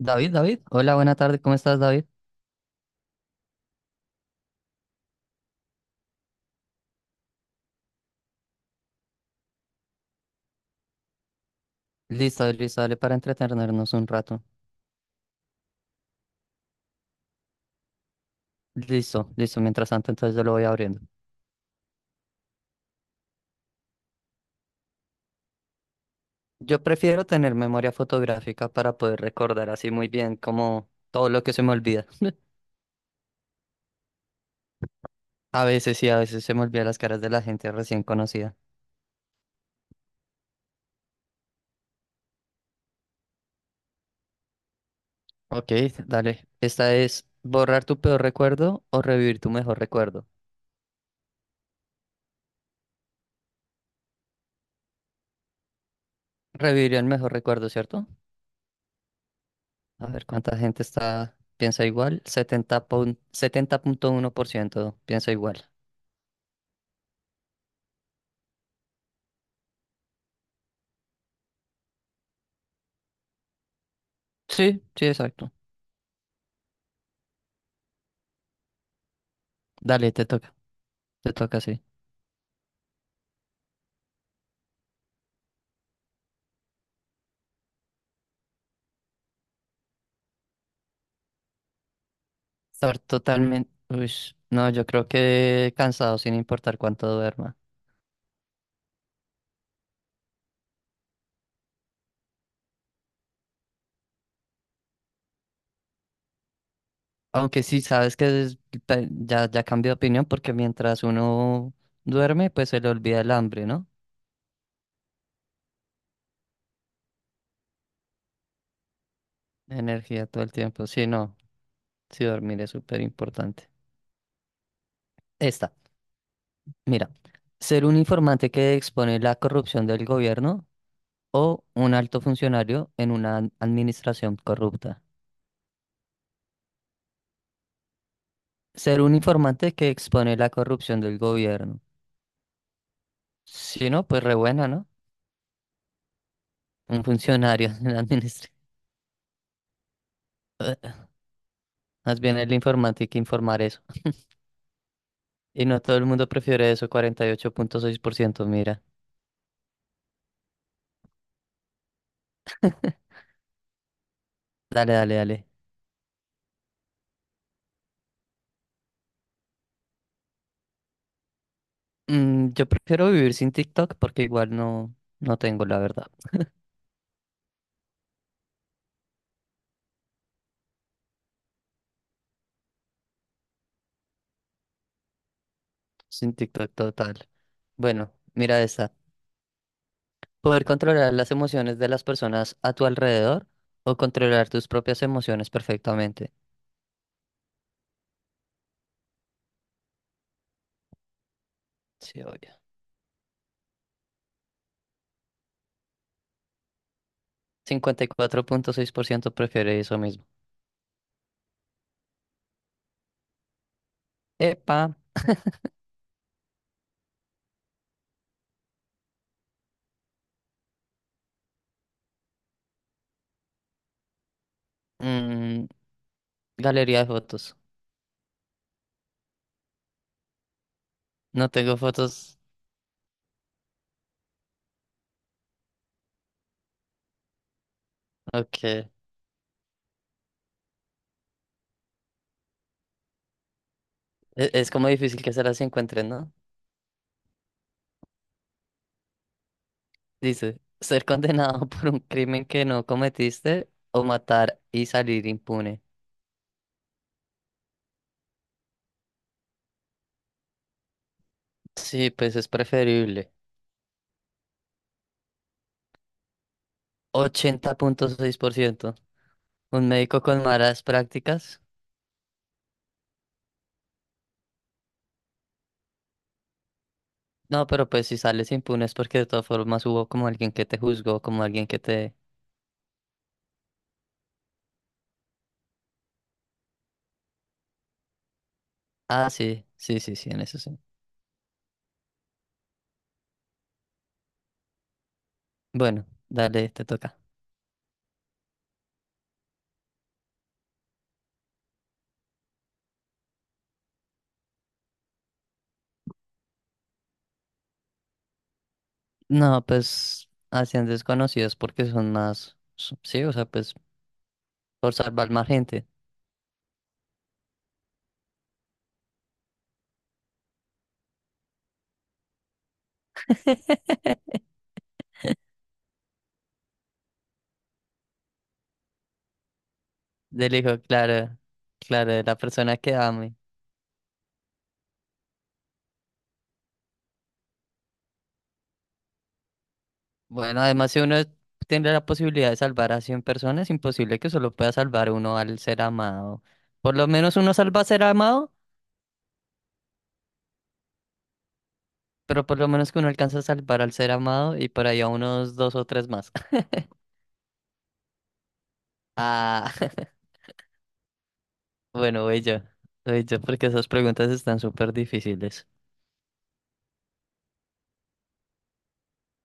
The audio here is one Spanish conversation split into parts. David, David, hola, buena tarde, ¿cómo estás, David? Listo, listo, dale para entretenernos un rato. Listo, listo, mientras tanto, entonces yo lo voy abriendo. Yo prefiero tener memoria fotográfica para poder recordar así muy bien como todo lo que se me olvida. A veces sí, a veces se me olvida las caras de la gente recién conocida. Ok, dale. Esta es borrar tu peor recuerdo o revivir tu mejor recuerdo. Revivir el mejor recuerdo, ¿cierto? A ver cuánta gente está, piensa igual. 70.1% piensa igual. Sí, sí, exacto. Dale, te toca, sí. Estar totalmente, uy, no, yo creo que cansado sin importar cuánto duerma. Aunque sí, sabes que ya, ya cambié de opinión porque mientras uno duerme, pues se le olvida el hambre, ¿no? Energía todo el tiempo. Sí, no, sí, dormir es súper importante. Esta, mira, ser un informante que expone la corrupción del gobierno o un alto funcionario en una administración corrupta. Ser un informante que expone la corrupción del gobierno. Si no, pues re buena, ¿no? Un funcionario en la administración. Más bien el informante que informar eso. Y no todo el mundo prefiere eso, 48.6%, mira. Dale, dale, dale. Yo prefiero vivir sin TikTok porque igual no, no tengo la verdad. Sin TikTok total. Bueno, mira esta. Poder controlar las emociones de las personas a tu alrededor o controlar tus propias emociones perfectamente. Sí, obvio. 54.6% prefiere eso mismo. Epa, mm, galería de fotos. No tengo fotos. Ok. Es, como difícil que se las encuentren, ¿no? Dice, ser condenado por un crimen que no cometiste o matar y salir impune. Sí, pues es preferible. 80.6%. Un médico con malas prácticas. No, pero pues si sales impune es porque de todas formas hubo como alguien que te juzgó, como alguien que te... Ah, sí, sí, sí, sí, en eso sí. Bueno, dale, te toca. No, pues hacían desconocidos porque son más, sí, o sea, pues por salvar más gente. Del hijo, claro, claro, de la persona que ame. Bueno, además si uno tiene la posibilidad de salvar a 100 personas, es imposible que solo pueda salvar uno al ser amado. Por lo menos uno salva a ser amado, pero por lo menos que uno alcanza a salvar al ser amado y por ahí a unos dos o tres más. Ah, bueno, voy yo porque esas preguntas están súper difíciles.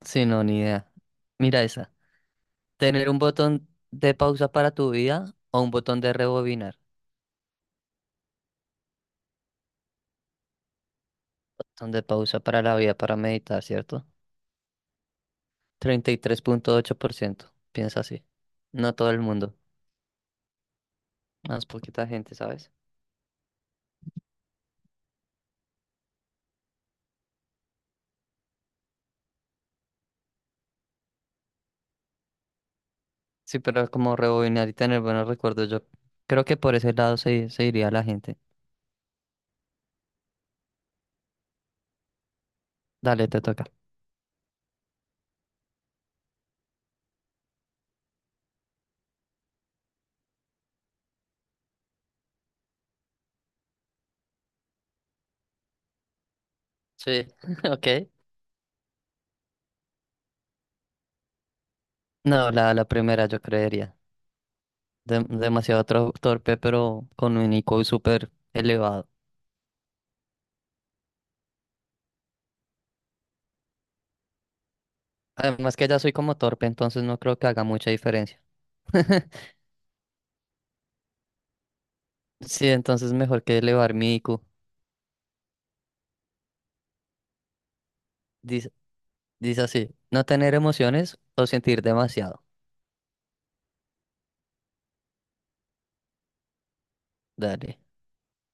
Sí, no, ni idea. Mira esa. Tener un botón de pausa para tu vida o un botón de rebobinar. Botón de pausa para la vida, para meditar, ¿cierto? 33.8% piensa así. No todo el mundo, más poquita gente, ¿sabes? Sí, pero como rebobinar y tener buenos recuerdos, yo creo que por ese lado se iría la gente. Dale, te toca. Sí, ok. No, la primera yo creería. Demasiado torpe, pero con un IQ súper elevado. Además que ya soy como torpe, entonces no creo que haga mucha diferencia. Sí, entonces mejor que elevar mi IQ. Dice, dice así, no tener emociones o sentir demasiado. Dale.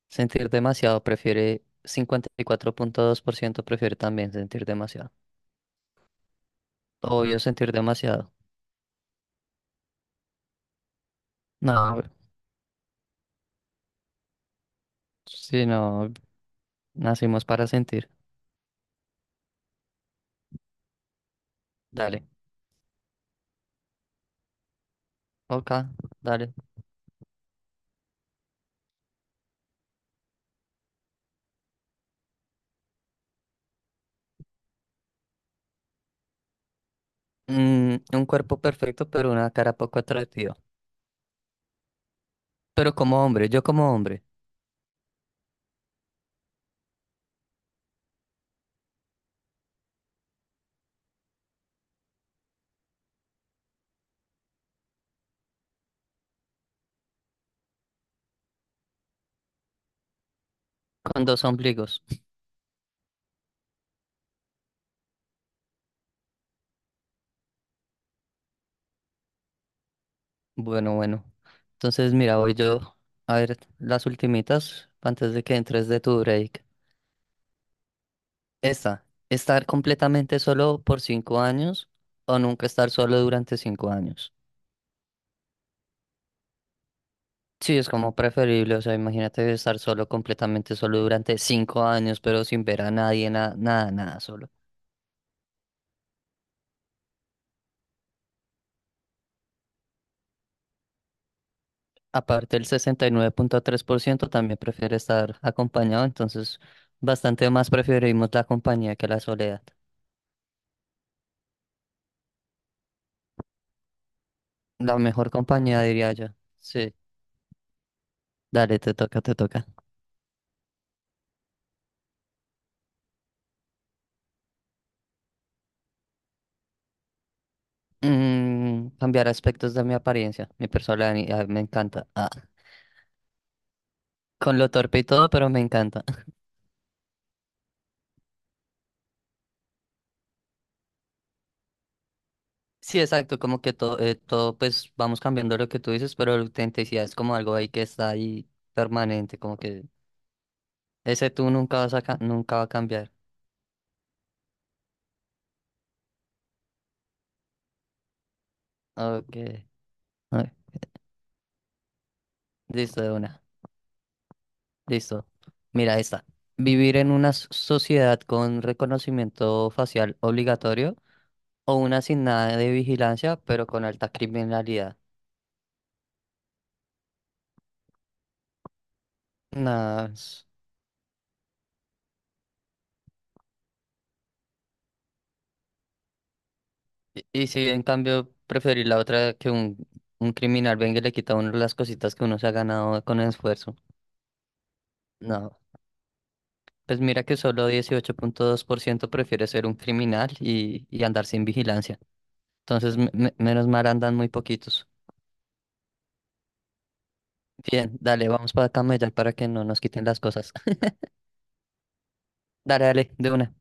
Sentir demasiado prefiere 54.2% prefiere también sentir demasiado. Obvio sentir demasiado. No, si no, nacimos para sentir. Dale. Ok, dale. Un cuerpo perfecto pero una cara poco atractiva. Pero como hombre, yo como hombre, con dos ombligos. Bueno, bueno. Entonces, mira, voy yo a ver las ultimitas antes de que entres de tu break. Esta, estar completamente solo por 5 años o nunca estar solo durante 5 años. Sí, es como preferible, o sea, imagínate estar solo, completamente solo durante 5 años, pero sin ver a nadie, nada, nada, solo. Aparte, el 69.3% también prefiere estar acompañado, entonces bastante más preferimos la compañía que la soledad. La mejor compañía, diría yo. Sí. Dale, te toca, te toca. Cambiar aspectos de mi apariencia, mi personalidad me encanta. Ah, con lo torpe y todo, pero me encanta. Sí, exacto, como que todo, pues vamos cambiando lo que tú dices, pero la autenticidad es como algo ahí que está ahí permanente, como que ese tú nunca va a cambiar. Ok, ok, listo de una, listo. Mira esta. Vivir en una sociedad con reconocimiento facial obligatorio o una sin nada de vigilancia, pero con alta criminalidad. Nada. Y si en cambio preferir la otra que un criminal venga y le quita a uno las cositas que uno se ha ganado con esfuerzo. No. Pues mira que solo 18.2% prefiere ser un criminal y andar sin vigilancia. Entonces, menos mal andan muy poquitos. Bien, dale, vamos para camellar para que no nos quiten las cosas. Dale, dale, de una.